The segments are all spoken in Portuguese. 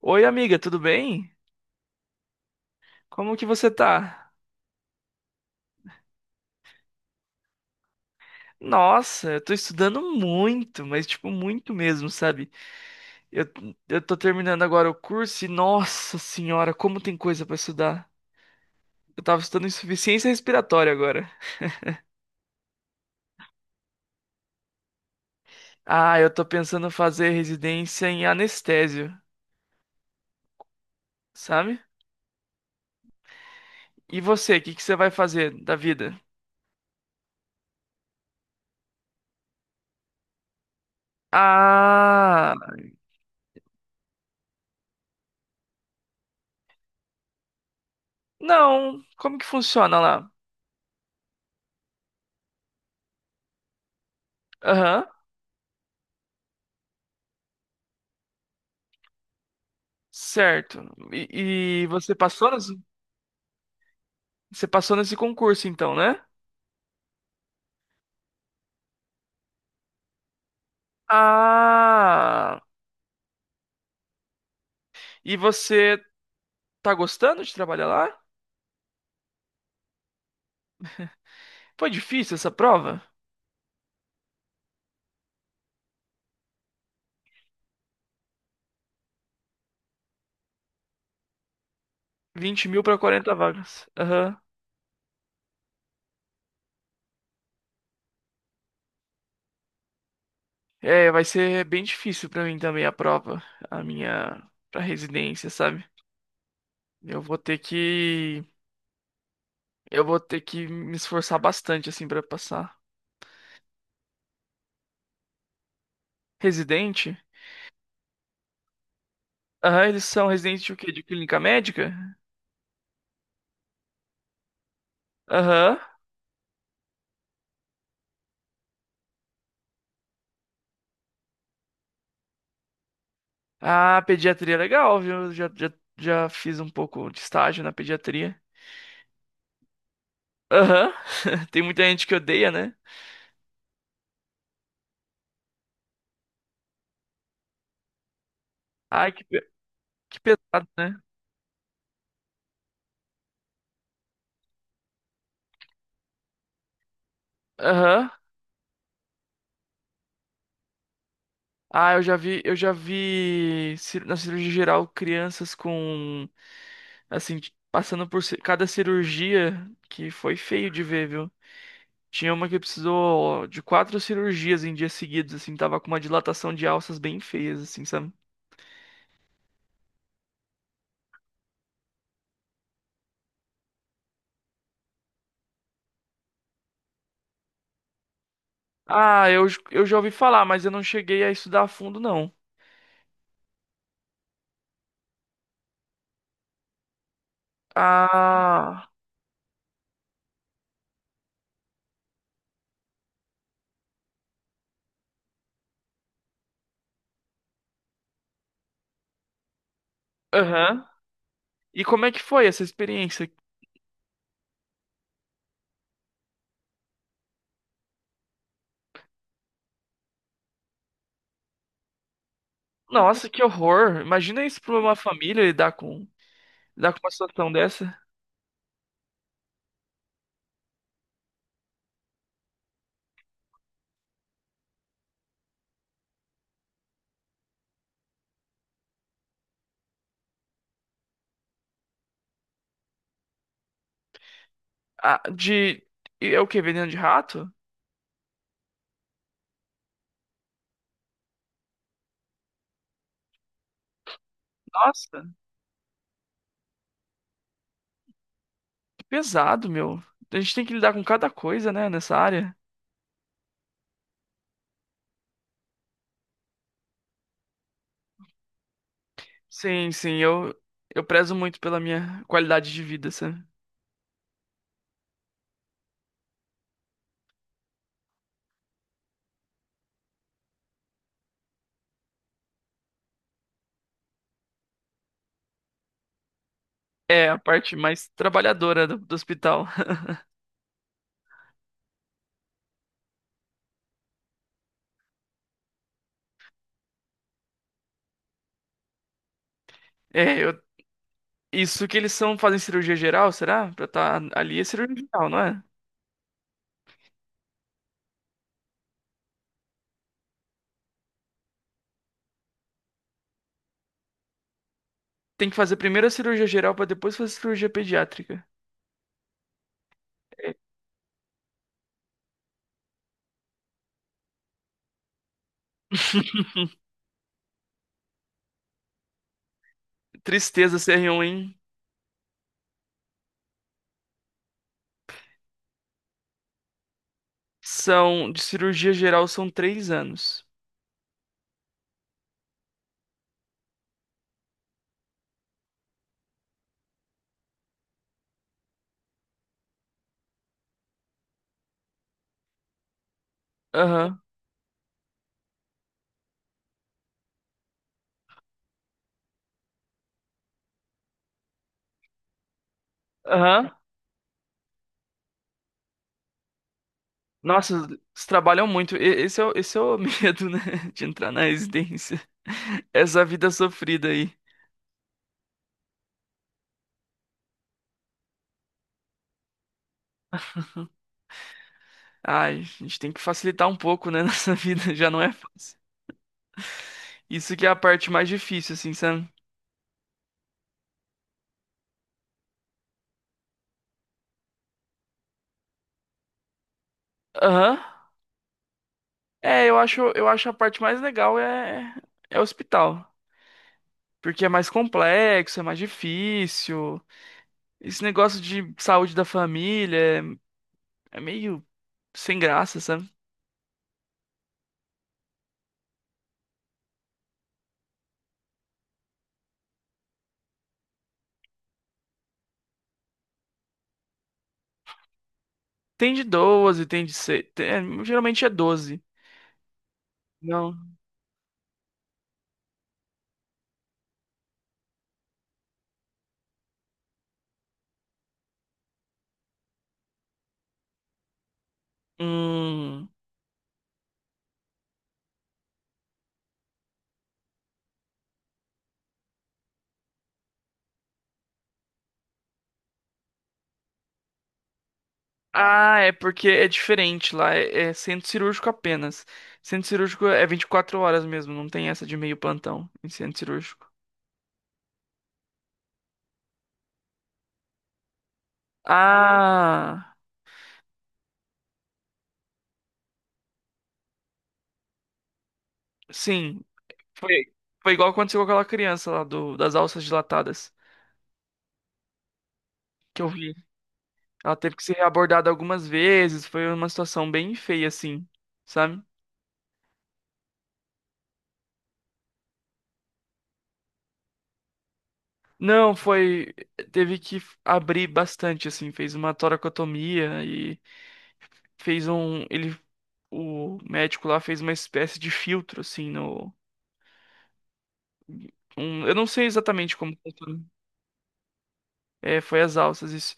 Oi, amiga, tudo bem? Como que você tá? Nossa, eu tô estudando muito, mas tipo, muito mesmo, sabe? Eu, eu tô terminando agora o curso e, nossa senhora, como tem coisa pra estudar. Eu tava estudando insuficiência respiratória agora. Ah, eu tô pensando fazer residência em anestésio, sabe? E você, o que que você vai fazer da vida? Ah, não, como que funciona lá? Aham, certo. E você passou? Você passou nesse concurso, então, né? Ah! E você tá gostando de trabalhar lá? Foi difícil essa prova? 20.000 para 40 vagas. Aham. É, vai ser bem difícil para mim também a prova, a minha pra residência, sabe? Eu vou ter que eu vou ter que me esforçar bastante assim para passar. Residente? Aham, eles são residentes de o quê? De clínica médica? Aham. Ah, pediatria é legal, viu? Já fiz um pouco de estágio na pediatria. Aham. Tem muita gente que odeia, né? Ai, que, pe- que pesado, né? Aham. Ah, eu já vi na cirurgia geral crianças com, assim, passando por cada cirurgia que foi feio de ver, viu? Tinha uma que precisou de 4 cirurgias em dias seguidos, assim, tava com uma dilatação de alças bem feias, assim, sabe? Eu já ouvi falar, mas eu não cheguei a estudar a fundo, não. Ah, aham. E como é que foi essa experiência? Nossa, que horror. Imagina isso pra uma família lidar com uma situação dessa. Ah, de. É o quê? Veneno de rato? Nossa, que pesado, meu. A gente tem que lidar com cada coisa, né, nessa área. Sim, sim, eu, eu prezo muito pela minha qualidade de vida, sabe? É a parte mais trabalhadora do hospital. É, eu- isso que eles são, fazem cirurgia geral, será? Pra estar ali é cirurgia geral, não é? Tem que fazer primeiro a cirurgia geral pra depois fazer a cirurgia pediátrica. É. Tristeza ser ruim são de cirurgia geral são 3 anos. Aham, aham. Nossa, eles trabalham muito. Esse é o medo, né? De entrar na residência. Essa vida sofrida aí. Ai, a gente tem que facilitar um pouco, né? Nossa vida já não é fácil. Isso que é a parte mais difícil, assim, sabe? Aham. Eu acho a parte mais legal é, é hospital. Porque é mais complexo, é mais difícil. Esse negócio de saúde da família é é meio sem graça, sabe? Tem de 12, tem de 6. Geralmente é 12. Não. Hum. Ah, é porque é diferente lá. É, é centro cirúrgico apenas. Centro cirúrgico é 24 horas mesmo. Não tem essa de meio plantão em centro cirúrgico. Ah, sim. Foi, Foi igual aconteceu com aquela criança lá das alças dilatadas que eu vi. Ela teve que ser abordada algumas vezes. Foi uma situação bem feia, assim. Sabe? Não, foi. Teve que abrir bastante, assim. Fez uma toracotomia e fez um. Ele. O médico lá fez uma espécie de filtro, assim, no. Eu não sei exatamente como funciona. É, foi as alças, isso.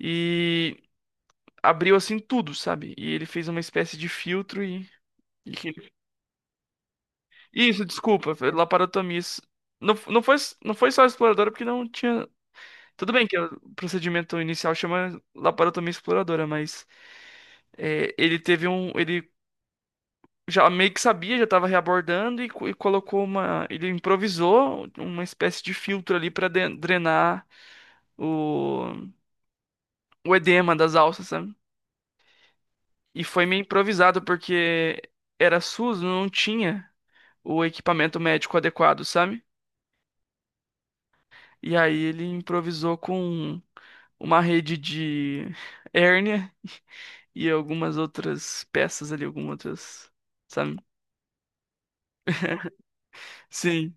E abriu, assim, tudo, sabe? E ele fez uma espécie de filtro e. e que- Isso, desculpa, foi laparotomia. Não, não foi só exploradora, porque não tinha. Tudo bem que o procedimento inicial chama laparotomia exploradora, mas é, ele teve um. Ele já meio que sabia, já estava reabordando e, e colocou uma. Ele improvisou uma espécie de filtro ali para drenar o, o edema das alças, sabe? E foi meio improvisado porque era SUS, não tinha o equipamento médico adequado, sabe? E aí ele improvisou com uma rede de hérnia e algumas outras peças ali, algumas outras, sabe? Sim.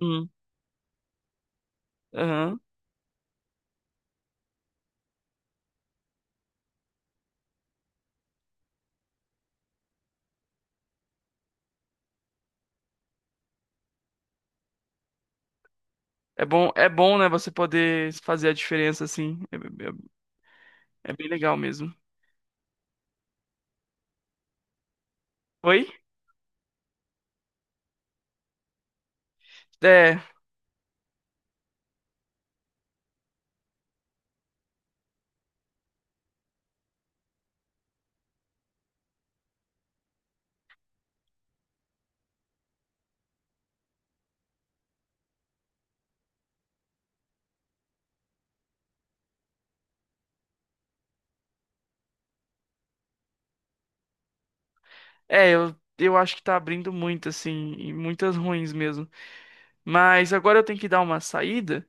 Hum. Aham. É bom, né, você poder fazer a diferença assim. É bem legal mesmo. Oi? É, eu acho que tá abrindo muito, assim, e muitas ruins mesmo. Mas agora eu tenho que dar uma saída.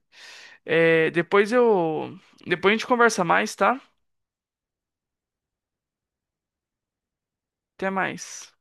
É, depois eu. Depois a gente conversa mais, tá? Até mais.